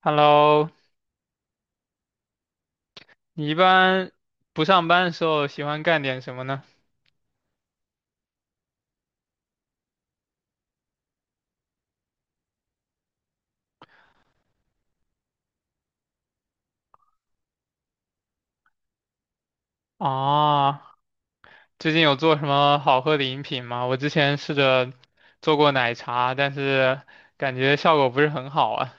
Hello，你一般不上班的时候喜欢干点什么呢？啊，最近有做什么好喝的饮品吗？我之前试着做过奶茶，但是感觉效果不是很好啊。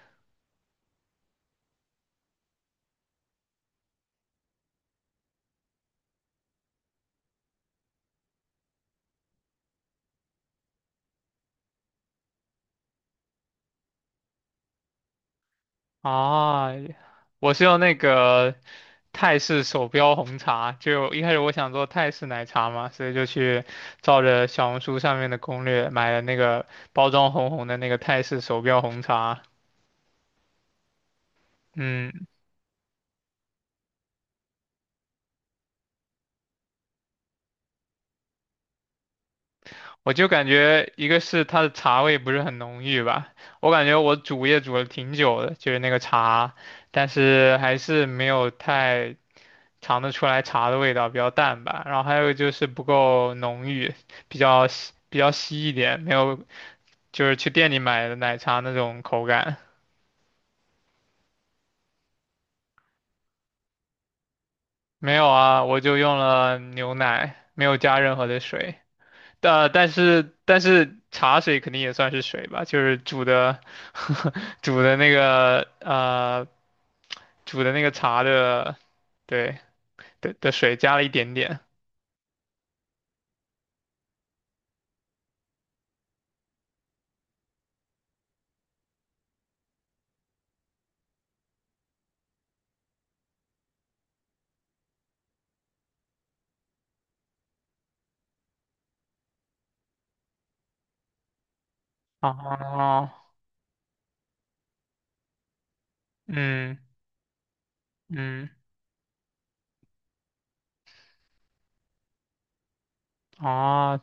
啊，我是用那个泰式手标红茶，就一开始我想做泰式奶茶嘛，所以就去照着小红书上面的攻略买了那个包装红红的那个泰式手标红茶。嗯。我就感觉一个是它的茶味不是很浓郁吧，我感觉我煮也煮了挺久的，就是那个茶，但是还是没有太尝得出来茶的味道，比较淡吧。然后还有就是不够浓郁，比较稀一点，没有就是去店里买的奶茶那种口感。没有啊，我就用了牛奶，没有加任何的水。呃，但是茶水肯定也算是水吧，就是煮的 煮的那个煮的那个茶的，对的的水加了一点点。哦，嗯嗯，哦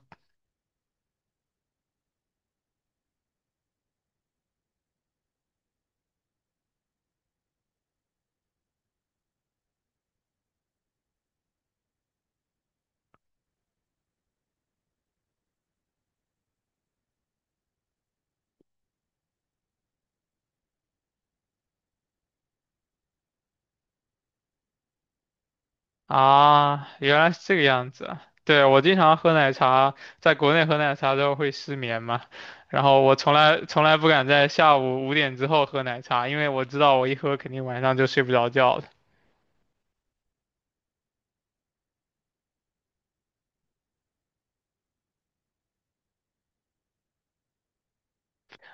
啊，原来是这个样子啊。对，我经常喝奶茶，在国内喝奶茶之后会失眠嘛，然后我从来不敢在下午5点之后喝奶茶，因为我知道我一喝肯定晚上就睡不着觉了。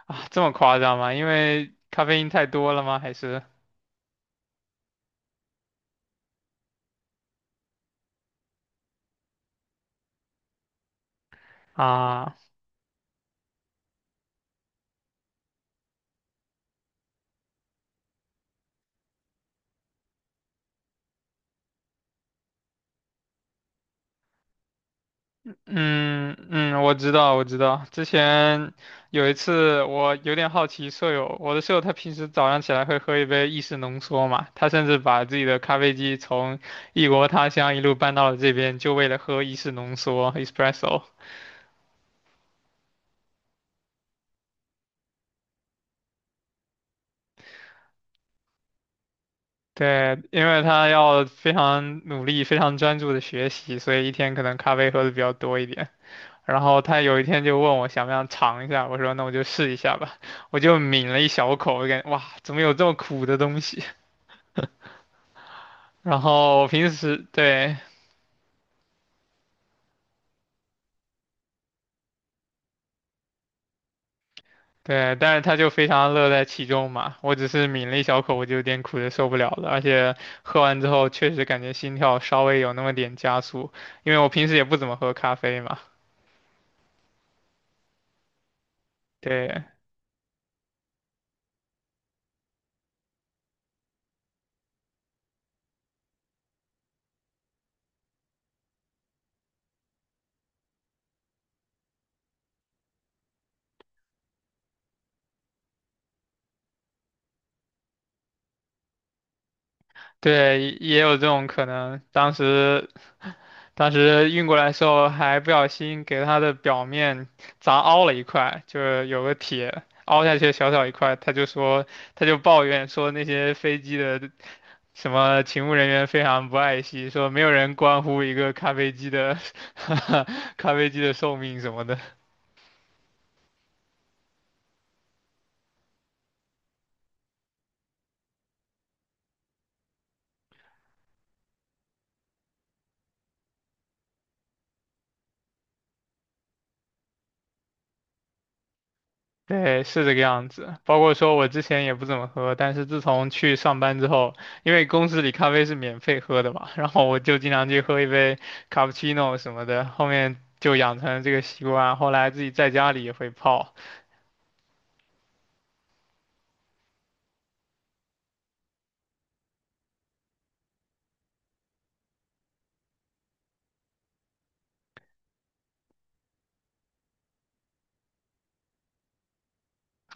啊，这么夸张吗？因为咖啡因太多了吗？还是啊？嗯嗯，我知道。之前有一次，我有点好奇舍友，我的舍友他平时早上起来会喝一杯意式浓缩嘛，他甚至把自己的咖啡机从异国他乡一路搬到了这边，就为了喝意式浓缩 （espresso）。对，因为他要非常努力、非常专注的学习，所以一天可能咖啡喝的比较多一点。然后他有一天就问我想不想尝一下，我说那我就试一下吧，我就抿了一小口，我感觉哇，怎么有这么苦的东西？然后我平时对对，但是他就非常乐在其中嘛，我只是抿了一小口，我就有点苦的受不了了，而且喝完之后确实感觉心跳稍微有那么点加速，因为我平时也不怎么喝咖啡嘛，对。对，也有这种可能。当时运过来的时候，还不小心给它的表面砸凹了一块，就是有个铁凹下去小小一块，他就说，他就抱怨说那些飞机的什么勤务人员非常不爱惜，说没有人关乎一个咖啡机的 咖啡机的寿命什么的。对，是这个样子。包括说我之前也不怎么喝，但是自从去上班之后，因为公司里咖啡是免费喝的嘛，然后我就经常去喝一杯卡布奇诺什么的，后面就养成了这个习惯。后来自己在家里也会泡，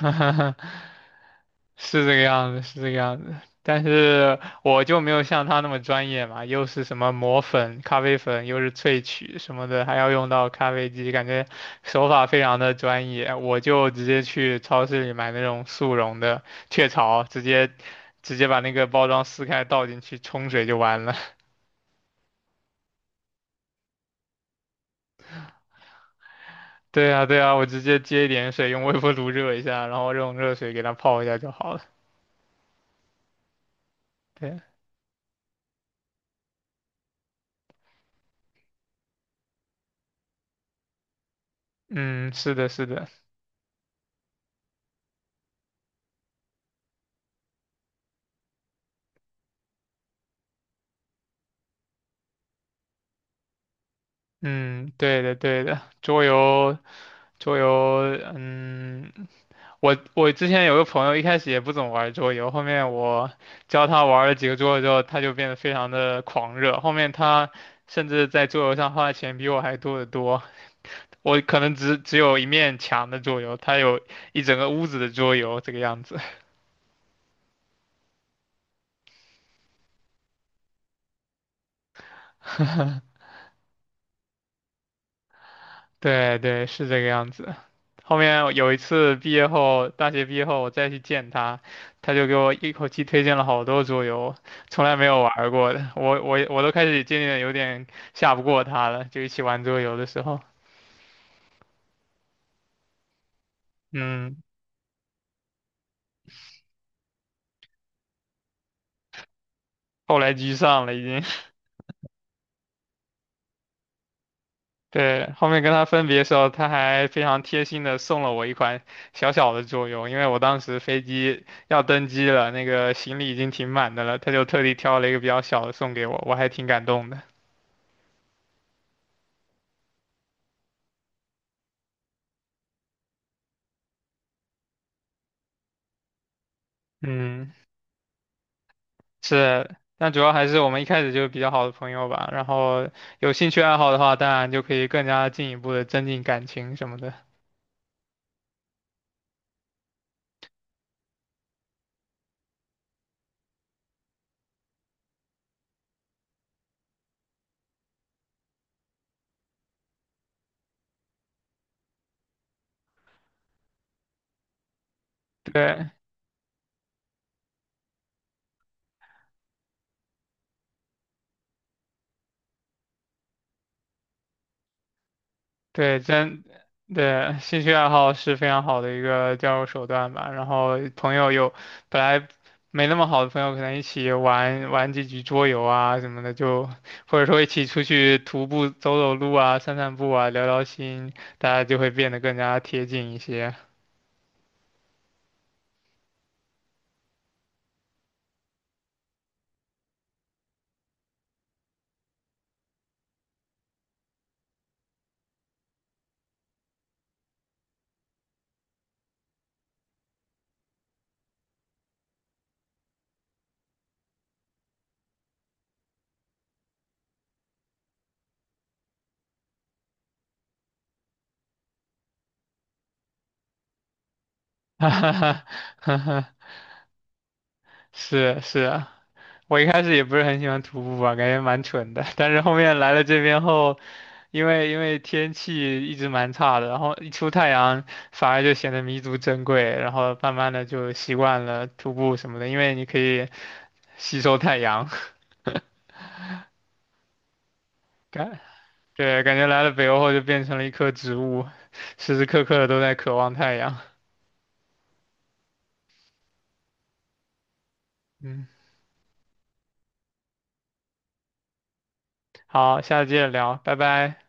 是这个样子，是这个样子。但是我就没有像他那么专业嘛，又是什么磨粉、咖啡粉，又是萃取什么的，还要用到咖啡机，感觉手法非常的专业。我就直接去超市里买那种速溶的雀巢，直接把那个包装撕开倒进去冲水就完了。对啊，对啊，我直接接一点水，用微波炉热一下，然后用热水给它泡一下就好了。对，嗯，是的，是的，嗯，对的，对的，桌游。桌游，嗯，我之前有个朋友，一开始也不怎么玩桌游，后面我教他玩了几个桌游之后，他就变得非常的狂热。后面他甚至在桌游上花的钱比我还多得多。我可能只有一面墙的桌游，他有一整个屋子的桌游这个样子。对对，是这个样子。后面有一次毕业后，大学毕业后我再去见他，他就给我一口气推荐了好多桌游，从来没有玩儿过的。我都开始渐渐地有点下不过他了，就一起玩桌游的时候，嗯，后来居上了已经。对，后面跟他分别的时候，他还非常贴心的送了我一款小小的桌游，因为我当时飞机要登机了，那个行李已经挺满的了，他就特地挑了一个比较小的送给我，我还挺感动的。嗯。是，但主要还是我们一开始就是比较好的朋友吧。然后有兴趣爱好的话，当然就可以更加进一步的增进感情什么的。对对，真对，兴趣爱好是非常好的一个交友手段吧。然后朋友有本来没那么好的朋友，可能一起玩玩几局桌游啊什么的，就或者说一起出去徒步走走路啊、散散步啊、聊聊心，大家就会变得更加贴近一些。哈哈哈哈哈，是是啊，我一开始也不是很喜欢徒步吧，感觉蛮蠢的。但是后面来了这边后，因为天气一直蛮差的，然后一出太阳反而就显得弥足珍贵，然后慢慢的就习惯了徒步什么的，因为你可以吸收太阳。感，对，感觉来了北欧后就变成了一棵植物，时时刻刻的都在渴望太阳。嗯，好，下次接着聊，拜拜。